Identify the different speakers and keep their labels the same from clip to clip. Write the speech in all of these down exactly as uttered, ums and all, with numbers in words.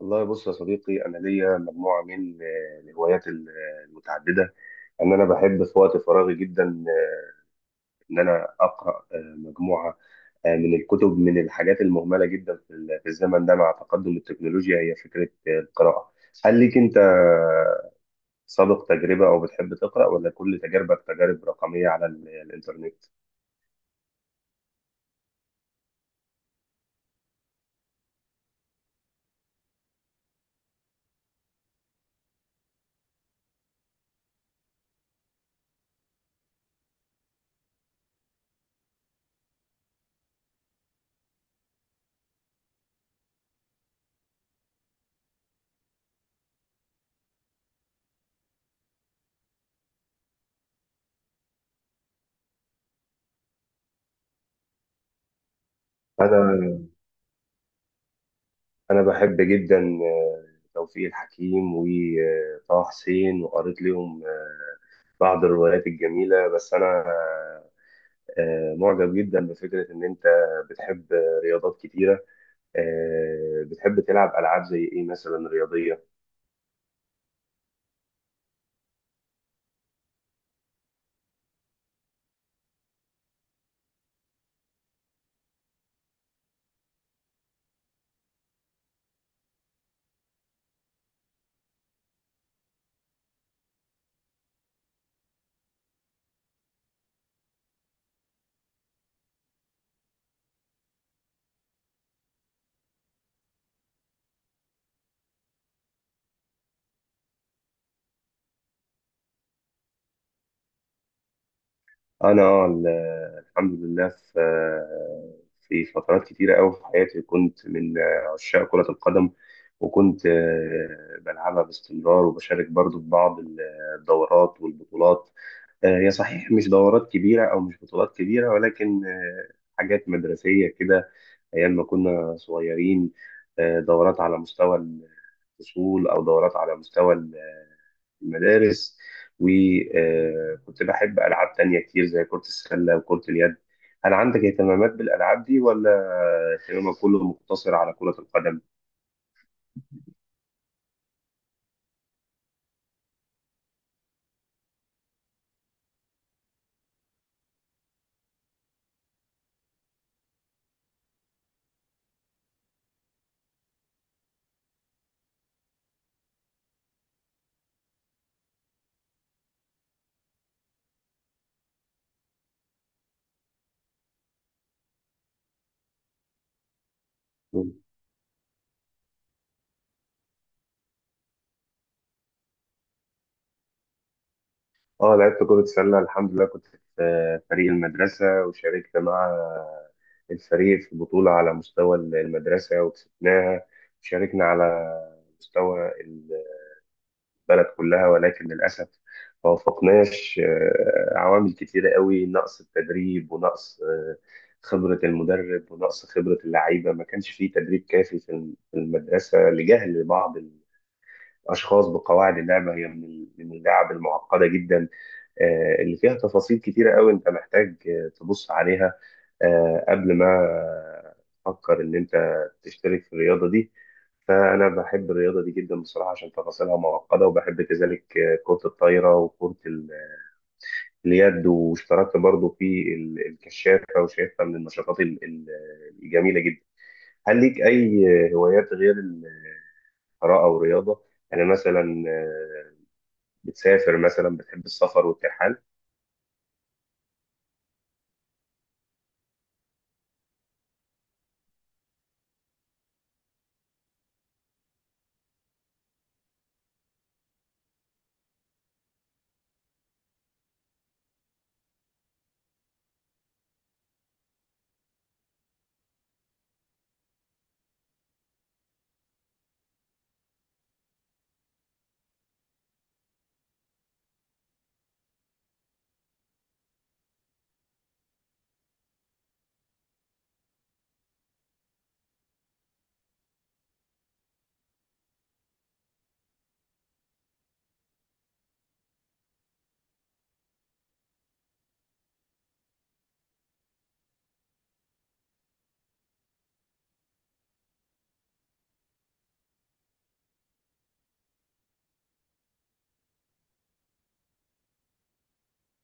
Speaker 1: والله، بص يا صديقي، انا ليا مجموعه من آه، الهوايات ال- آه، المتعدده. ان انا بحب في وقت فراغي جدا، آه، ان انا اقرا آه، مجموعه آه، من الكتب، من الحاجات المهمله جدا في ال- في الزمن ده، مع تقدم التكنولوجيا، هي فكره آه، القراءه. هل ليك انت سابق تجربه او بتحب تقرا، ولا كل تجاربك تجارب رقميه على ال- الانترنت؟ انا انا بحب جدا آه، توفيق الحكيم وطه حسين، وقريت لهم بعض الروايات الجميلة. بس أنا آه، معجب جدا بفكرة إن أنت بتحب رياضات كتيرة. آه، بتحب تلعب ألعاب زي إيه مثلا رياضية؟ أنا، آه، ال- الحمد لله، في آه، في فترات كتيرة أوي في حياتي كنت من آه، عشاق كرة القدم. وكنت آه، بلعبها باستمرار، وبشارك برضو في بعض الدورات والبطولات. آه، هي صحيح مش دورات كبيرة أو مش بطولات كبيرة، ولكن آه، حاجات مدرسية كده، أيام ما كنا صغيرين. آه، دورات على مستوى الفصول أو دورات على مستوى المدارس. وكنت بحب ألعاب تانية كتير زي كرة السلة وكرة اليد. هل عندك اهتمامات بالألعاب دي ولا اهتمامك كله مقتصر على كرة القدم؟ مم. اه، لعبت كرة سلة. الحمد لله كنت في فريق المدرسة، وشاركت مع الفريق في بطولة على مستوى المدرسة وكسبناها. شاركنا على مستوى البلد كلها، ولكن للأسف ما وفقناش. آه، عوامل كتيرة قوي: نقص التدريب، ونقص آه، خبرة المدرب، ونقص خبرة اللعيبة. ما كانش فيه تدريب كافي في الم- في المدرسة، لجهل بعض اشخاص بقواعد اللعبه. هي من ال- من اللعب المعقده جدا، آه، اللي فيها تفاصيل كتيره قوي. انت محتاج آه، تبص عليها آه، قبل ما آه، تفكر ان انت تشترك في الرياضه دي. فأنا بحب الرياضة دي جدا بصراحة، عشان تفاصيلها معقدة. وبحب كذلك آه، كرة الطايرة وكرة ال- اليد، واشتركت برضو في ال- الكشافة، وشايفها من النشاطات ال- ال- الجميلة جدا. هل ليك أي هوايات غير القراءة والرياضة؟ أنا مثلا، آه، بتسافر مثلا، بتحب السفر والترحال؟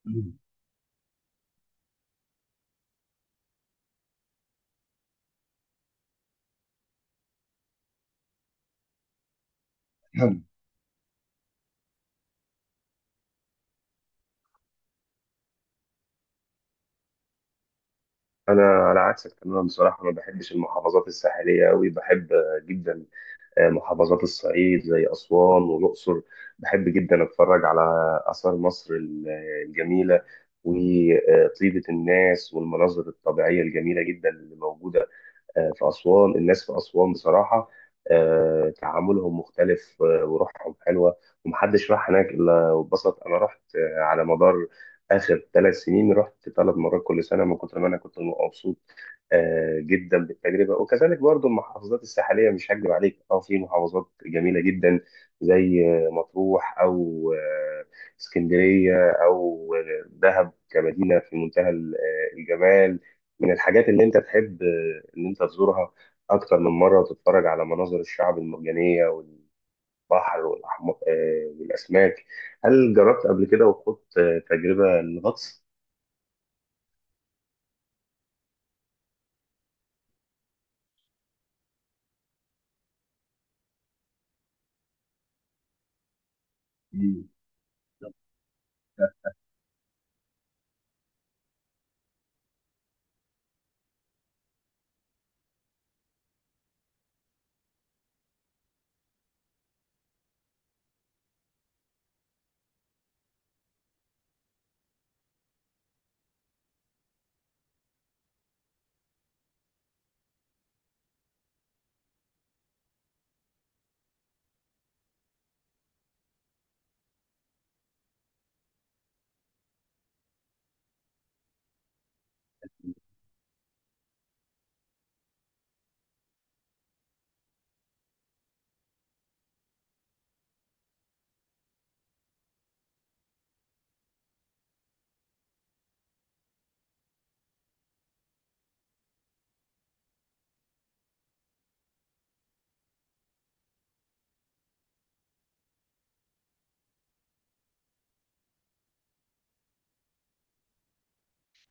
Speaker 1: مم. حلو. انا على عكسك تماما بصراحه. ما بحبش المحافظات الساحليه قوي. بحب آه، جدا آه، محافظات الصعيد زي اسوان والاقصر. بحب جدا اتفرج على اثار مصر ال- الجميله، وطيبه الناس والمناظر الطبيعيه الجميله جدا اللي موجوده آه، في أسوان. الناس في أسوان بصراحة آه، تعاملهم مختلف، آه، وروحهم حلوة. ومحدش راح هناك إلا واتبسط. أنا رحت آه، على مدار آخر ثلاث سنين، رحت ثلاث مرات كل سنة من كتر ما أنا كنت مبسوط آه، جدا بالتجربة. وكذلك برضو، المحافظات الساحلية مش هكذب عليك، أه، في محافظات جميلة جدا زي آه، مطروح، أو آه، اسكندرية، أو آه، دهب، كمدينة في منتهى ال- آه، الجمال. من الحاجات اللي انت تحب ان انت تزورها اكتر من مره، وتتفرج على مناظر الشعب المرجانيه والبحر والأحم... آه، والاسماك. هل جربت قبل كده وخدت آه، تجربه الغطس؟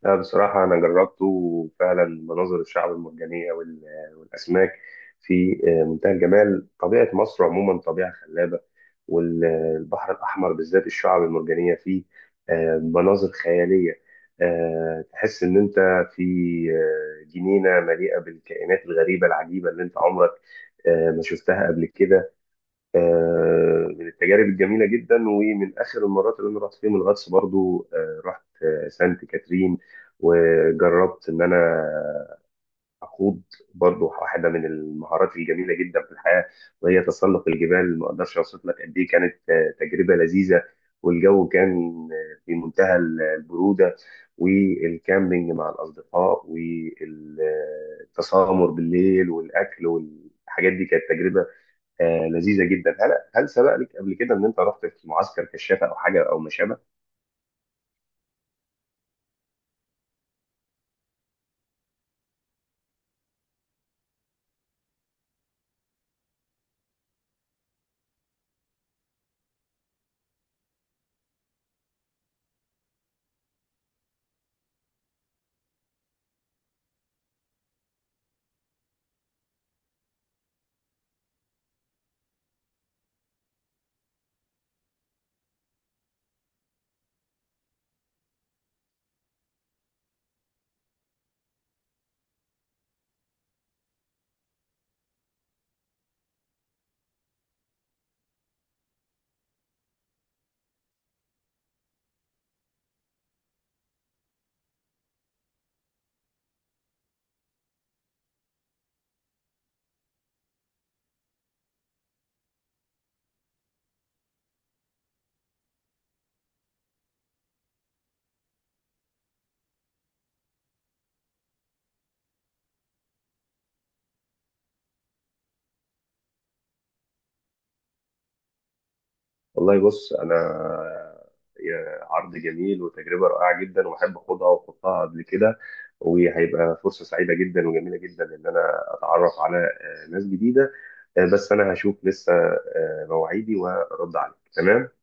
Speaker 1: لا، بصراحة أنا جربته. وفعلا مناظر الشعب المرجانية وال- والأسماك في آه، منتهى الجمال. طبيعة مصر عموما طبيعة خلابة، والبحر الأحمر بالذات الشعب المرجانية فيه آه، مناظر خيالية. آه، تحس إن أنت في آه، جنينة مليئة بالكائنات الغريبة العجيبة اللي أنت عمرك آه، ما شفتها قبل كده. آه، من التجارب الجميله جدا. ومن اخر المرات اللي انا رحت فيهم الغطس برضو، آه، رحت آه، سانت كاترين، وجربت ان انا اخوض برضو واحده من المهارات الجميله جدا في الحياه، وهي تسلق الجبال. ما اقدرش اوصف لك قد ايه كانت آه، تجربه لذيذه، والجو كان آه، في منتهى البروده، والكامبينج مع الاصدقاء والتسامر بالليل والاكل والحاجات دي كانت تجربه آه لذيذه جدا. هل هل سبق لك قبل كده ان انت رحت في معسكر كشافه او حاجه او ما شابه؟ والله بص انا، يا عرض جميل وتجربه رائعه جدا، واحب اخدها واحطها قبل كده، وهيبقى فرصه سعيده جدا وجميله جدا ان انا اتعرف على آه، ناس جديده. آه، بس انا هشوف لسه آه، مواعيدي وارد عليك تمام.